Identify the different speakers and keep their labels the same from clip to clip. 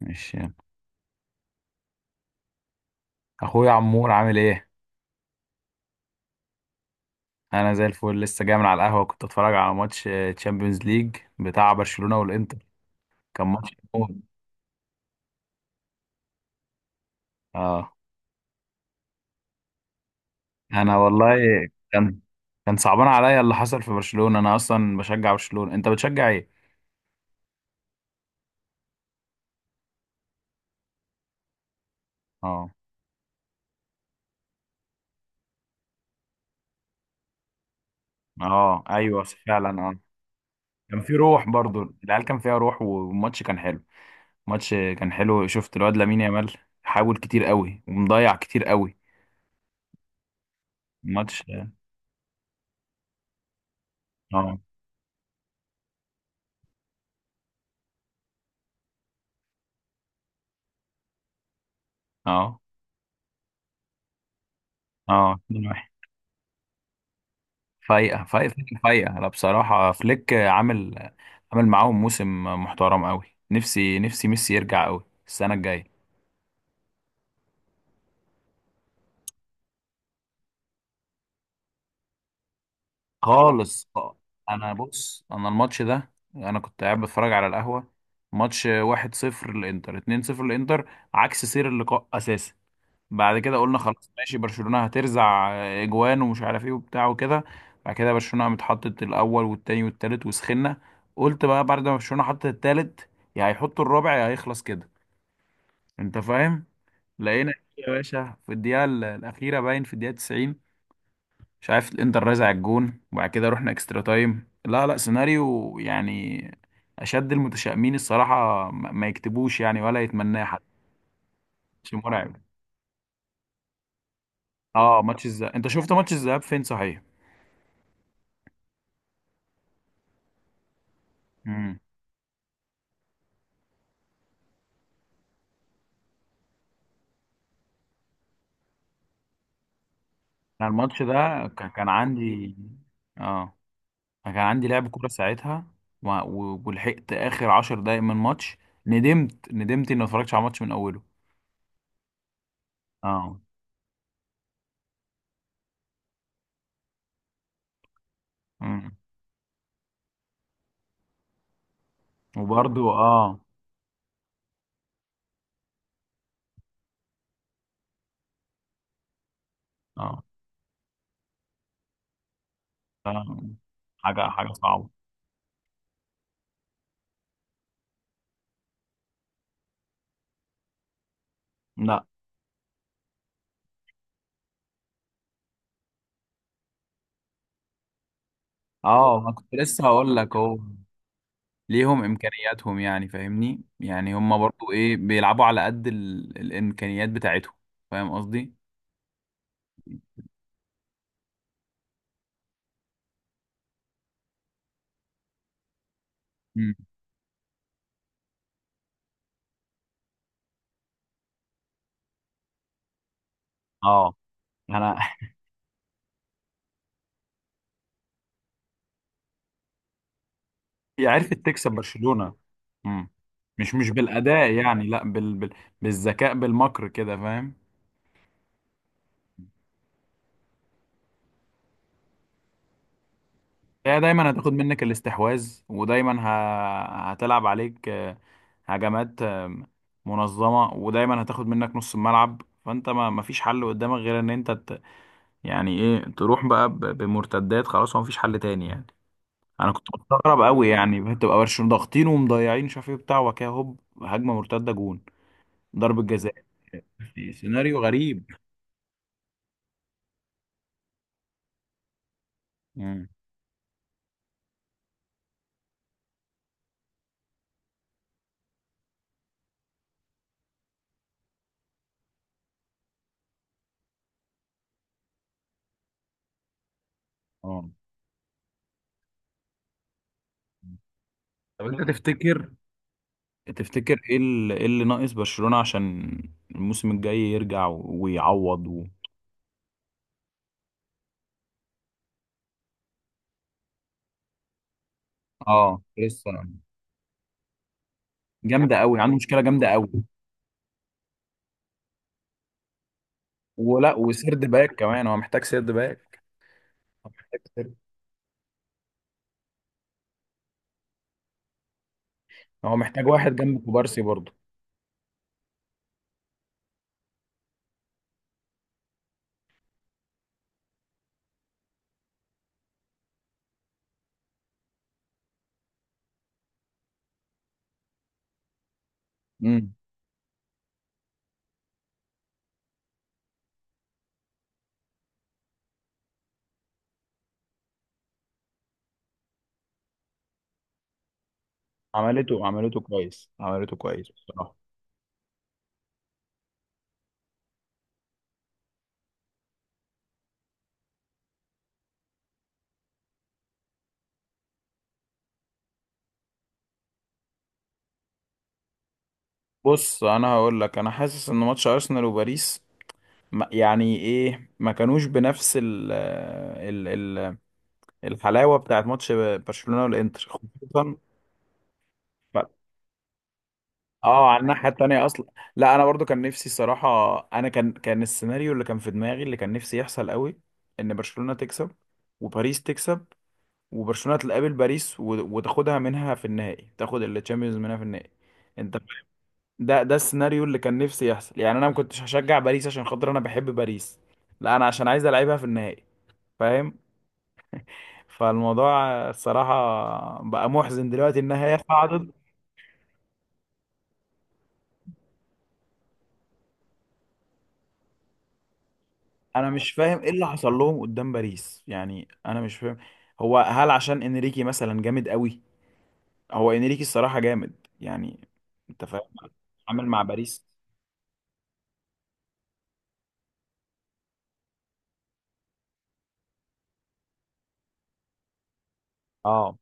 Speaker 1: ماشي يلا. اخويا عمور عامل ايه؟ انا زي الفل لسه جاي من على القهوه، كنت اتفرج على ماتش تشامبيونز ليج بتاع برشلونه والانتر. كان ماتش موت. اه. انا والله كان كان صعبان عليا اللي حصل في برشلونه. انا اصلا بشجع برشلونه، انت بتشجع ايه؟ اه، اه، ايوه فعلا، اه. كان في روح برضو، العيال كان فيها روح والماتش كان حلو. الماتش كان حلو. شفت الواد لامين يامال حاول كتير قوي ومضيع كتير قوي. الماتش اه اه اه 2-1. فايقة فايقة فايقة فايقه. أنا بصراحة فليك عامل معاهم موسم محترم أوي. نفسي نفسي ميسي يرجع أوي السنة الجاية. خالص. أنا بص، أنا الماتش ده، أنا كنت قاعد بتفرج على القهوة. ماتش 1-0 للإنتر، 2-0 للإنتر، عكس سير اللقاء أساسا. بعد كده قلنا خلاص ماشي برشلونة هترزع إجوان ومش عارف إيه وبتاع وكده. بعد كده برشلونة متحطت الأول والتاني والتالت وسخنا. قلت بقى بعد ما برشلونة حطت التالت، يا هيحطوا الرابع يا هيخلص كده، انت فاهم. لقينا يا باشا في الدقيقه الاخيره، باين في الدقيقه 90، مش عارف الانتر رازع الجون. وبعد كده رحنا اكسترا تايم. لا لا، سيناريو يعني اشد المتشائمين الصراحه ما يكتبوش يعني، ولا يتمناه حد. ماتش مرعب. اه ماتش الذهاب، انت شفت ماتش الذهاب فين صحيح؟ امم. انا الماتش ده كان عندي، اه أنا كان عندي لعب كوره ساعتها، ولحقت اخر 10 دقايق من ماتش. ندمت ندمت اني ما اتفرجتش على الماتش من اوله. اه. وبرضو اه. اه. آه، حاجة حاجة صعبة. لا. اه، ما كنت لسه هقول لك هو ليهم امكانياتهم يعني، فاهمني، يعني هم برضو ايه بيلعبوا على قد الامكانيات بتاعتهم. فاهم قصدي؟ مم. اه. انا هي عرفت تكسب برشلونة. مم. مش بالاداء يعني، لا بالذكاء، بالمكر كده، فاهم. هي دايما هتاخد منك الاستحواذ، ودايما هتلعب عليك، هجمات منظمة، ودايما هتاخد منك نص الملعب. فانت ما مفيش حل قدامك غير ان انت يعني ايه، تروح بقى بمرتدات. خلاص هو مفيش حل تاني يعني. انا كنت مستغرب قوي يعني، بتبقى برشلونة ضاغطين ومضيعين مش عارف ايه بتاع وكده، هوب هجمة مرتدة، جون، ضربة جزاء. سيناريو غريب. مم. اه. طب انت تفتكر، تفتكر ايه إيه اللي ناقص برشلونة عشان الموسم الجاي يرجع ويعوض اه لسه جامدة قوي، عنده مشكلة جامدة قوي. ولا وسيرد باك كمان، هو محتاج سيرد باك. هو محتاج سيرد. هو محتاج واحد جنب كوبارسي برضه. امم. عملته، عملته كويس، عملته كويس بصراحة. بص انا هقول لك، انا حاسس ان ماتش ارسنال وباريس يعني ايه ما كانوش بنفس ال ال ال الحلاوة بتاعت ماتش برشلونة والانتر خصوصا. في. اه على الناحية التانية اصلا. لا، انا برضو كان نفسي الصراحة، انا كان السيناريو اللي كان في دماغي، اللي كان نفسي يحصل قوي، ان برشلونة تكسب وباريس تكسب، وبرشلونة تقابل باريس وتاخدها منها في النهائي، تاخد التشامبيونز منها في النهائي. انت، ده السيناريو اللي كان نفسي يحصل يعني. انا ما كنتش هشجع باريس عشان خاطر انا بحب باريس، لا انا عشان عايز العبها في النهائي، فاهم. فالموضوع الصراحة بقى محزن دلوقتي انها هي صعدت. انا مش فاهم ايه اللي حصل لهم قدام باريس يعني، انا مش فاهم. هو هل عشان انريكي مثلا جامد قوي؟ هو انريكي الصراحة جامد يعني، انت فاهم. عامل مع باريس. اه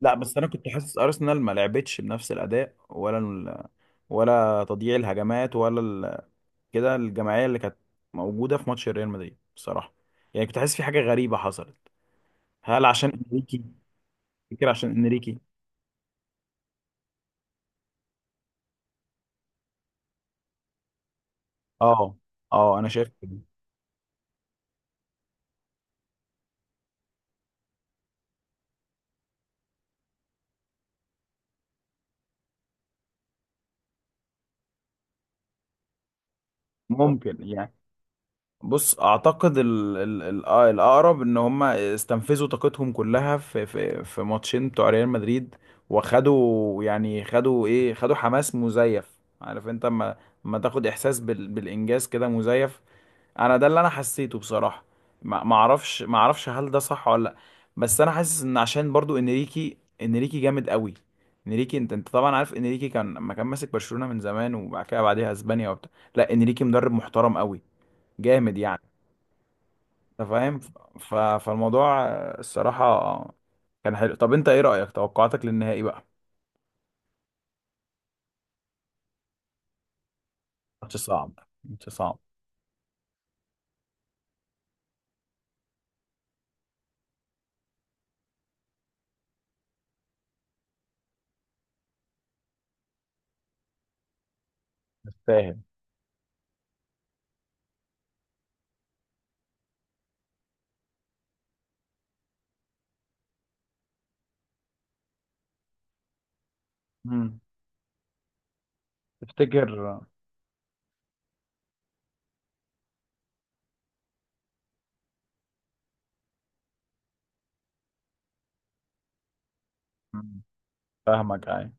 Speaker 1: لا بس انا كنت حاسس ارسنال ما لعبتش بنفس الاداء، ولا ولا تضييع الهجمات، ولا كده الجماعية اللي كانت موجودة في ماتش ريال مدريد بصراحة. يعني كنت حاسس في حاجة غريبة حصلت. هل عشان انريكي؟ فكرة عشان انريكي. اه. اه انا شايف كده. ممكن يعني. بص اعتقد ال ال ال الاقرب ان هم استنفذوا طاقتهم كلها في ماتشين بتوع ريال مدريد. وخدوا يعني خدوا ايه، خدوا حماس مزيف، عارف انت. اما تاخد احساس بالانجاز كده مزيف، انا ده اللي انا حسيته بصراحة. ما اعرفش، ما اعرفش هل ده صح ولا لا. بس انا حاسس ان عشان برضو انريكي، انريكي جامد قوي. انريكي، انت طبعا عارف انريكي كان لما كان ماسك برشلونة من زمان، وبعد كده بعديها اسبانيا وبتاع. لا انريكي مدرب محترم قوي، جامد يعني، انت فاهم. فالموضوع الصراحة كان حلو. طب انت ايه رأيك، توقعاتك للنهائي بقى؟ ماتش صعب ماتش صعب. فاهم. مم. تفتكر. مم. فاهمك أي.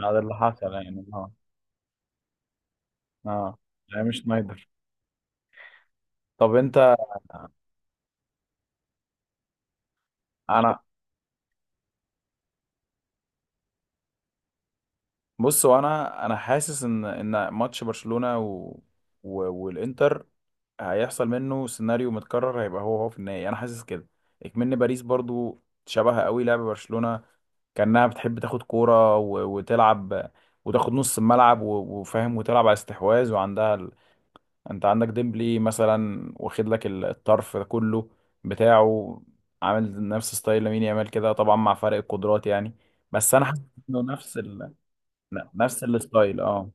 Speaker 1: هذا اللي حصل يعني اه. اه يعني مش نايدر. طب انت. انا بص، وانا حاسس ان ماتش برشلونة و... والانتر هيحصل منه سيناريو متكرر، هيبقى هو في النهائي، انا حاسس كده. اكمن باريس برضو شبه قوي لعب برشلونة، كأنها بتحب تاخد كورة وتلعب، وتاخد نص الملعب وفاهم، وتلعب على استحواذ وعندها انت عندك ديمبلي مثلا واخد لك الطرف ده كله بتاعه، عامل نفس ستايل لامين يامال كده طبعا، مع فرق القدرات يعني. بس انا حاسس انه نفس نفس الستايل. اه.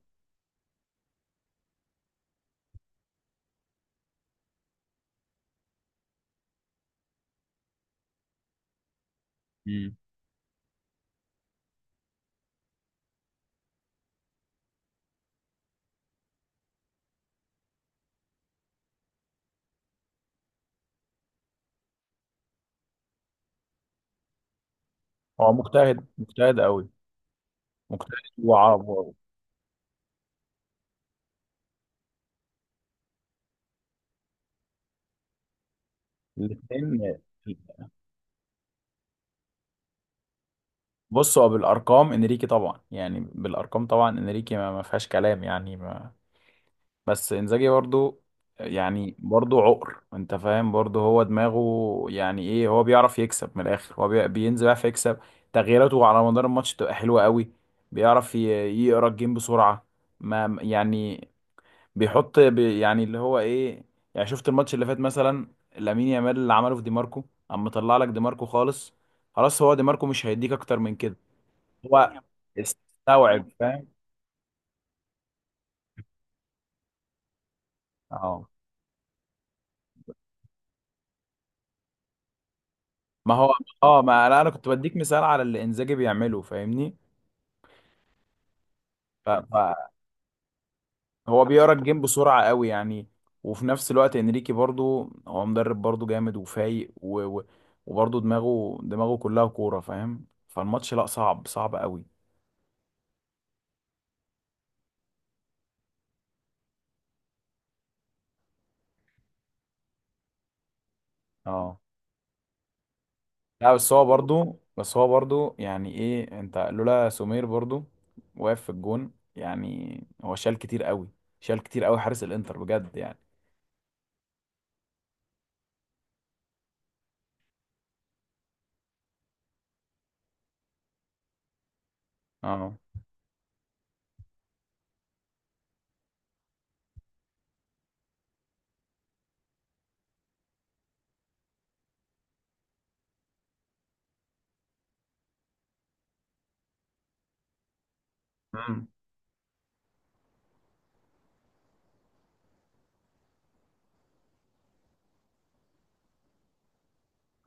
Speaker 1: مم. هو مجتهد، مجتهد قوي. مجتهد وعاب الاثنين. بصوا بالارقام، انريكي طبعا يعني، بالارقام طبعا انريكي ما فيهاش كلام يعني. بس انزاجي برضو، يعني برضو عقر، انت فاهم، برضو هو دماغه يعني ايه، هو بيعرف يكسب من الاخر، هو بينزل يعرف يكسب. تغييراته على مدار الماتش بتبقى حلوة قوي. بيعرف يقرا الجيم بسرعة. ما يعني بيحط بي يعني اللي هو ايه، يعني شفت الماتش اللي فات مثلا؟ لامين يامال اللي عمله في دي ماركو، اما مطلع لك دي ماركو خالص، خلاص هو دي ماركو مش هيديك اكتر من كده. هو استوعب فاهم. اه. ما هو. اه ما لا، انا كنت بديك مثال على اللي انزاجي بيعمله، فاهمني. ف- فهو بيقرا الجيم بسرعه قوي يعني. وفي نفس الوقت انريكي برضو هو مدرب برضو جامد وفايق وبرضو دماغه دماغه كلها كوره، فاهم. فالماتش لا صعب، صعب قوي. اه لا بس هو برضو يعني ايه انت لولا سمير برضو واقف في الجون يعني. هو شال كتير قوي، شال كتير قوي حارس الانتر بجد يعني. اه. امم.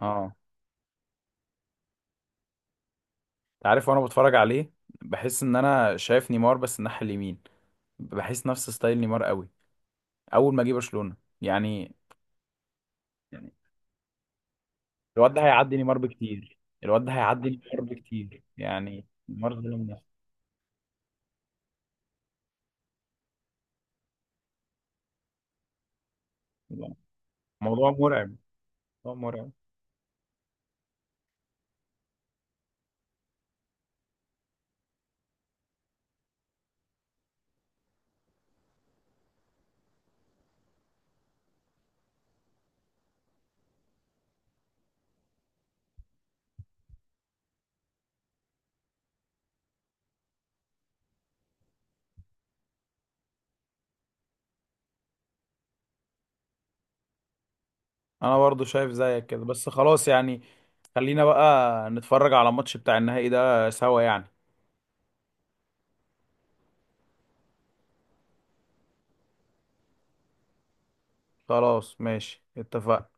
Speaker 1: اه. عارف وانا بتفرج عليه بحس ان انا شايف نيمار بس الناحية اليمين. بحس نفس ستايل نيمار قوي اول ما جه برشلونة يعني. يعني الواد ده هيعدي نيمار بكتير. الواد ده هيعدي نيمار بكتير يعني، نيمار ظلم نفسه. الموضوع مرعب. موضوع مرعب. انا برضو شايف زيك كده، بس خلاص يعني، خلينا بقى نتفرج على الماتش بتاع النهائي ده سوا يعني. خلاص ماشي اتفقنا.